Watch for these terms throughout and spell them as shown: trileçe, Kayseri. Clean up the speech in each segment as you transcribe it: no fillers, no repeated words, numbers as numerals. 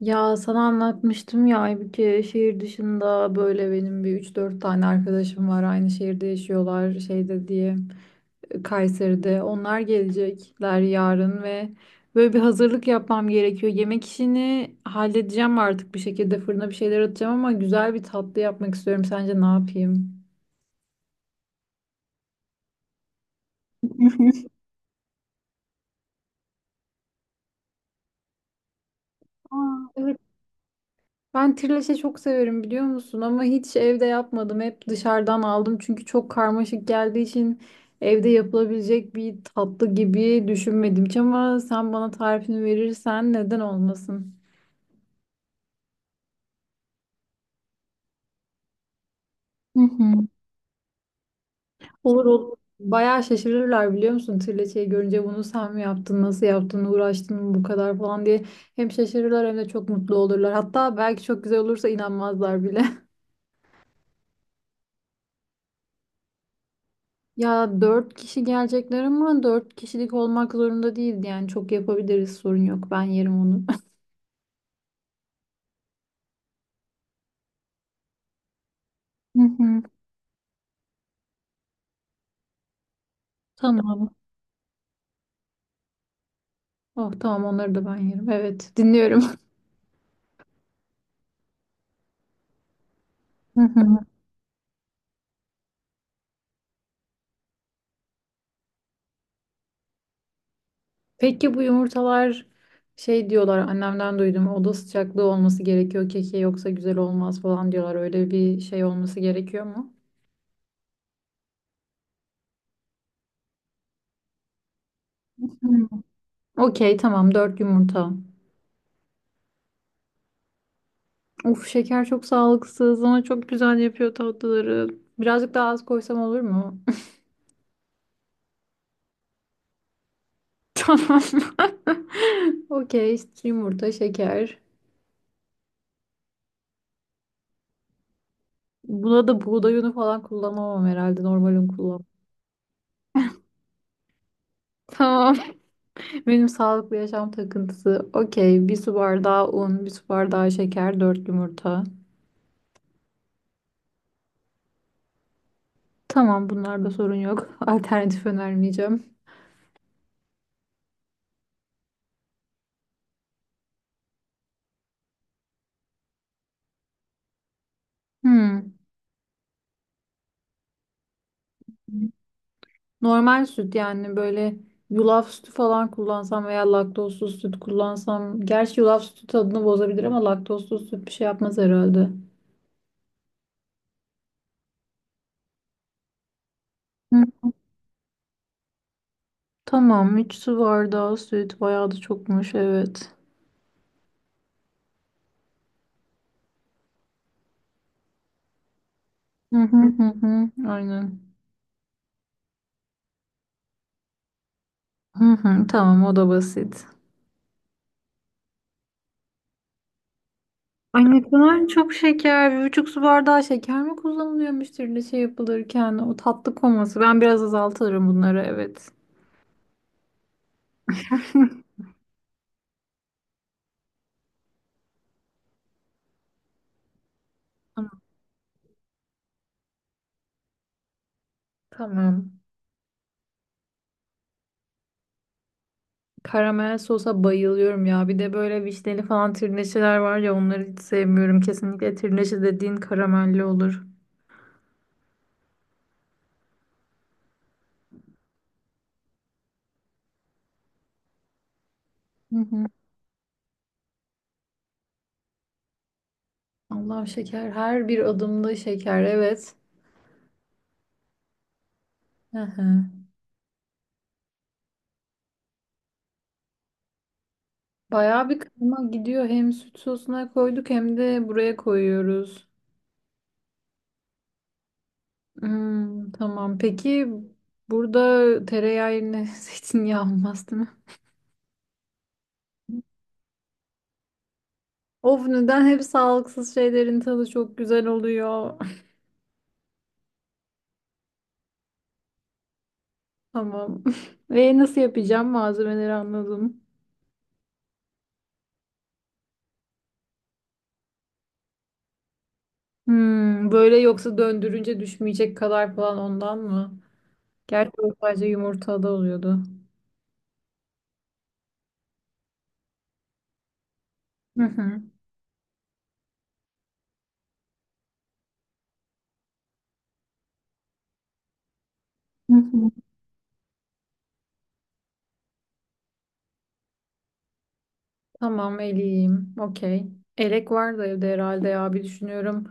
Ya sana anlatmıştım ya bir kere şehir dışında böyle benim üç dört tane arkadaşım var. Aynı şehirde yaşıyorlar şeyde diye Kayseri'de. Onlar gelecekler yarın ve böyle bir hazırlık yapmam gerekiyor. Yemek işini halledeceğim artık bir şekilde fırına bir şeyler atacağım ama güzel bir tatlı yapmak istiyorum. Sence ne yapayım? Aa, evet. Ben trileçe çok severim biliyor musun? Ama hiç evde yapmadım. Hep dışarıdan aldım. Çünkü çok karmaşık geldiği için evde yapılabilecek bir tatlı gibi düşünmedim hiç. Ama sen bana tarifini verirsen neden olmasın? Hı hı. Olur olur. Bayağı şaşırırlar biliyor musun? Trileçeyi görünce bunu sen mi yaptın, nasıl yaptın, uğraştın mı bu kadar falan diye. Hem şaşırırlar hem de çok mutlu olurlar. Hatta belki çok güzel olursa inanmazlar bile. Ya dört kişi gelecekler ama dört kişilik olmak zorunda değildi. Yani çok yapabiliriz sorun yok. Ben yerim onu. Hı hı. Tamam. Oh tamam, onları da ben yerim. Evet, dinliyorum. Hı hı. Peki bu yumurtalar şey diyorlar, annemden duydum, oda sıcaklığı olması gerekiyor keke yoksa güzel olmaz falan diyorlar. Öyle bir şey olması gerekiyor mu? Hı. Okey, tamam, dört yumurta. Of, şeker çok sağlıksız ama çok güzel yapıyor tatlıları. Birazcık daha az koysam olur mu? Tamam. Okey. Yumurta, şeker. Buna da buğday unu falan kullanamam herhalde. Normal un kullanmam. Tamam. Benim sağlıklı yaşam takıntısı. Okey. Bir su bardağı un, bir su bardağı şeker, dört yumurta. Tamam, bunlarda sorun yok. Alternatif önermeyeceğim. Hmm. Normal süt yani, böyle yulaf sütü falan kullansam veya laktozsuz süt kullansam. Gerçi yulaf sütü tadını bozabilir ama laktozsuz süt bir şey yapmaz herhalde. Tamam, 3 su bardağı süt bayağı da çokmuş, evet. Hı hı hı hı. Aynen. Hı hı, tamam, o da basit. Ay, ne kadar çok şeker. Bir buçuk su bardağı şeker mi kullanılıyormuş türlü şey yapılırken? O tatlı koması. Ben biraz azaltırım bunları, evet. Tamam. Tamam. Karamel sosa bayılıyorum ya. Bir de böyle vişneli falan tirneşeler var ya, onları hiç sevmiyorum. Kesinlikle tirneşe dediğin karamelli olur. Hı hı. Allah şeker. Her bir adımda şeker, evet. Hı hı. Bayağı bir kıyma gidiyor. Hem süt sosuna koyduk hem de buraya koyuyoruz. Hmm, tamam. Peki burada tereyağı yerine zeytinyağı olmaz değil mi? Of, neden hep sağlıksız şeylerin tadı çok güzel oluyor. Tamam. Ve nasıl yapacağım? Malzemeleri anladım. Hmm, böyle yoksa döndürünce düşmeyecek kadar falan ondan mı? Gerçi o sadece yumurtada oluyordu. Hı hı. Hı hı. Tamam, eleyeyim. Okey. Elek var da evde herhalde ya, bir düşünüyorum.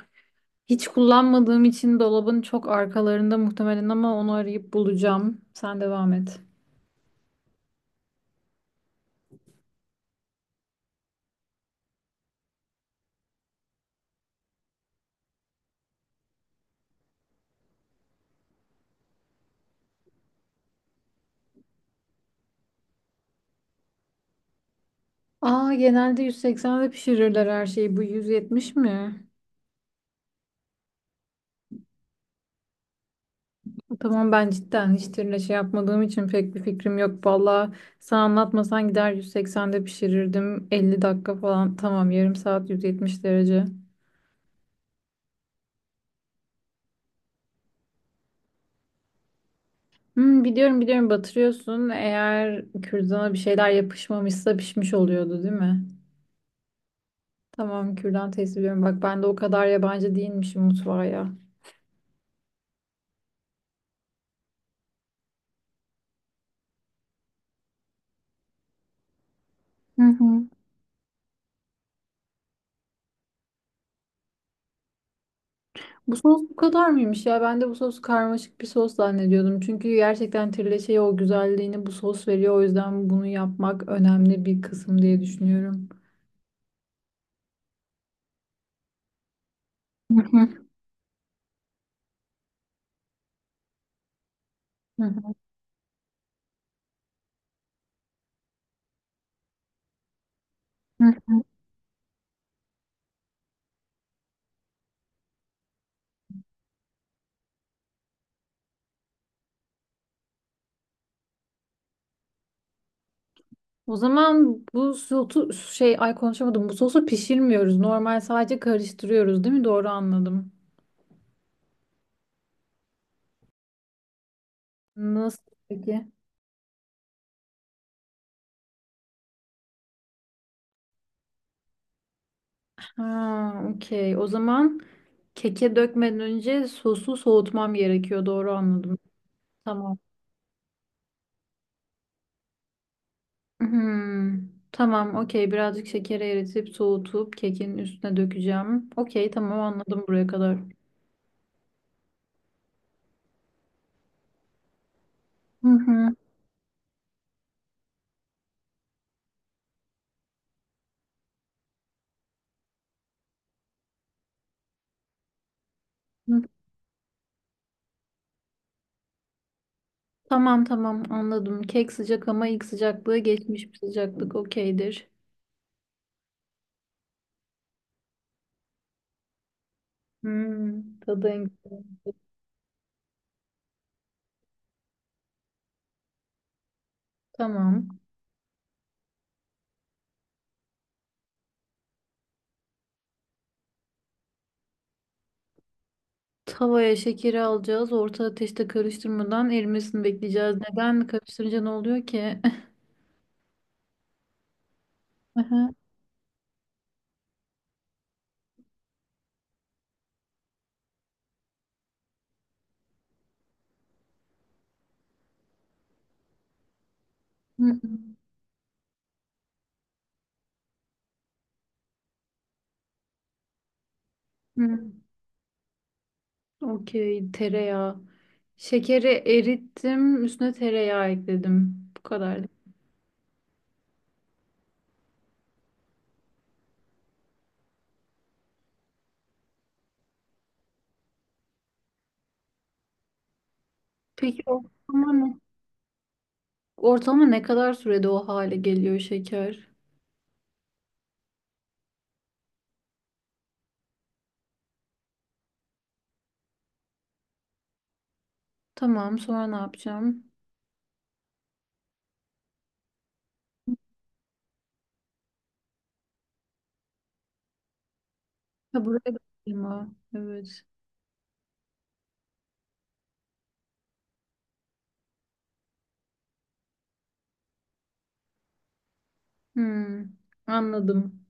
Hiç kullanmadığım için dolabın çok arkalarında muhtemelen, ama onu arayıp bulacağım. Sen devam et. Aa, genelde 180'de pişirirler her şeyi. Bu 170 mi? Tamam, ben cidden hiç tirle şey yapmadığım için pek bir fikrim yok. Valla sen anlatmasan gider 180'de pişirirdim. 50 dakika falan. Tamam, yarım saat 170 derece. Hmm, biliyorum biliyorum batırıyorsun. Eğer kürdana bir şeyler yapışmamışsa pişmiş oluyordu değil mi? Tamam, kürdan test ediyorum. Bak ben de o kadar yabancı değilmişim mutfağa ya. Hı hı. Bu sos bu kadar mıymış ya? Ben de bu sos karmaşık bir sos zannediyordum. Çünkü gerçekten trileçeye o güzelliğini bu sos veriyor. O yüzden bunu yapmak önemli bir kısım diye düşünüyorum. Hı hı. Hı hı. Hı hı. O zaman bu sosu şey, ay konuşamadım. Bu sosu pişirmiyoruz. Normal sadece karıştırıyoruz, değil mi? Doğru anladım. Nasıl peki? Ha, okey. O zaman keke dökmeden önce sosu soğutmam gerekiyor. Doğru anladım. Tamam. Hmm, tamam, okey. Birazcık şekeri eritip soğutup kekin üstüne dökeceğim. Okey, tamam, anladım buraya kadar. Hı hı. Hı. Tamam tamam anladım. Kek sıcak ama ilk sıcaklığı geçmiş bir sıcaklık okeydir. Hmm, tadı en güzel. Tamam. Tavaya şekeri alacağız. Orta ateşte karıştırmadan erimesini bekleyeceğiz. Neden karıştırınca ne oluyor ki? Aha. Hı hı. Hı. Okey, tereyağı. Şekeri erittim, üstüne tereyağı ekledim. Bu kadar. Peki ortalama ortalama ne kadar sürede o hale geliyor şeker? Tamam, sonra ne yapacağım? Ha, buraya da koyayım ha. Evet. Hmm, anladım.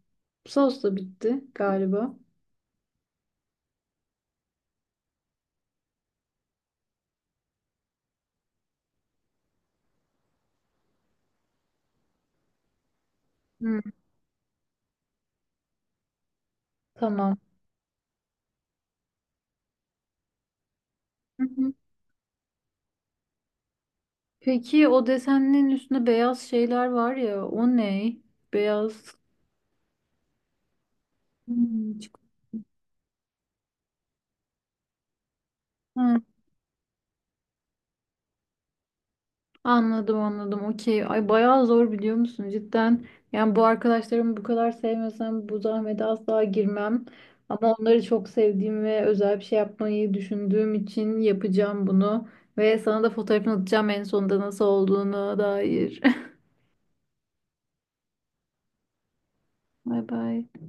Sos da bitti galiba. Hmm, tamam. Hı hı. Peki o desenlerin üstünde beyaz şeyler var ya, o ne? Beyaz. Hmm, çikolata. Anladım anladım, okey. Ay bayağı zor biliyor musun, cidden. Yani bu arkadaşlarımı bu kadar sevmesem bu zahmete asla girmem. Ama onları çok sevdiğim ve özel bir şey yapmayı düşündüğüm için yapacağım bunu. Ve sana da fotoğrafını atacağım en sonunda nasıl olduğunu dair. Bay bay.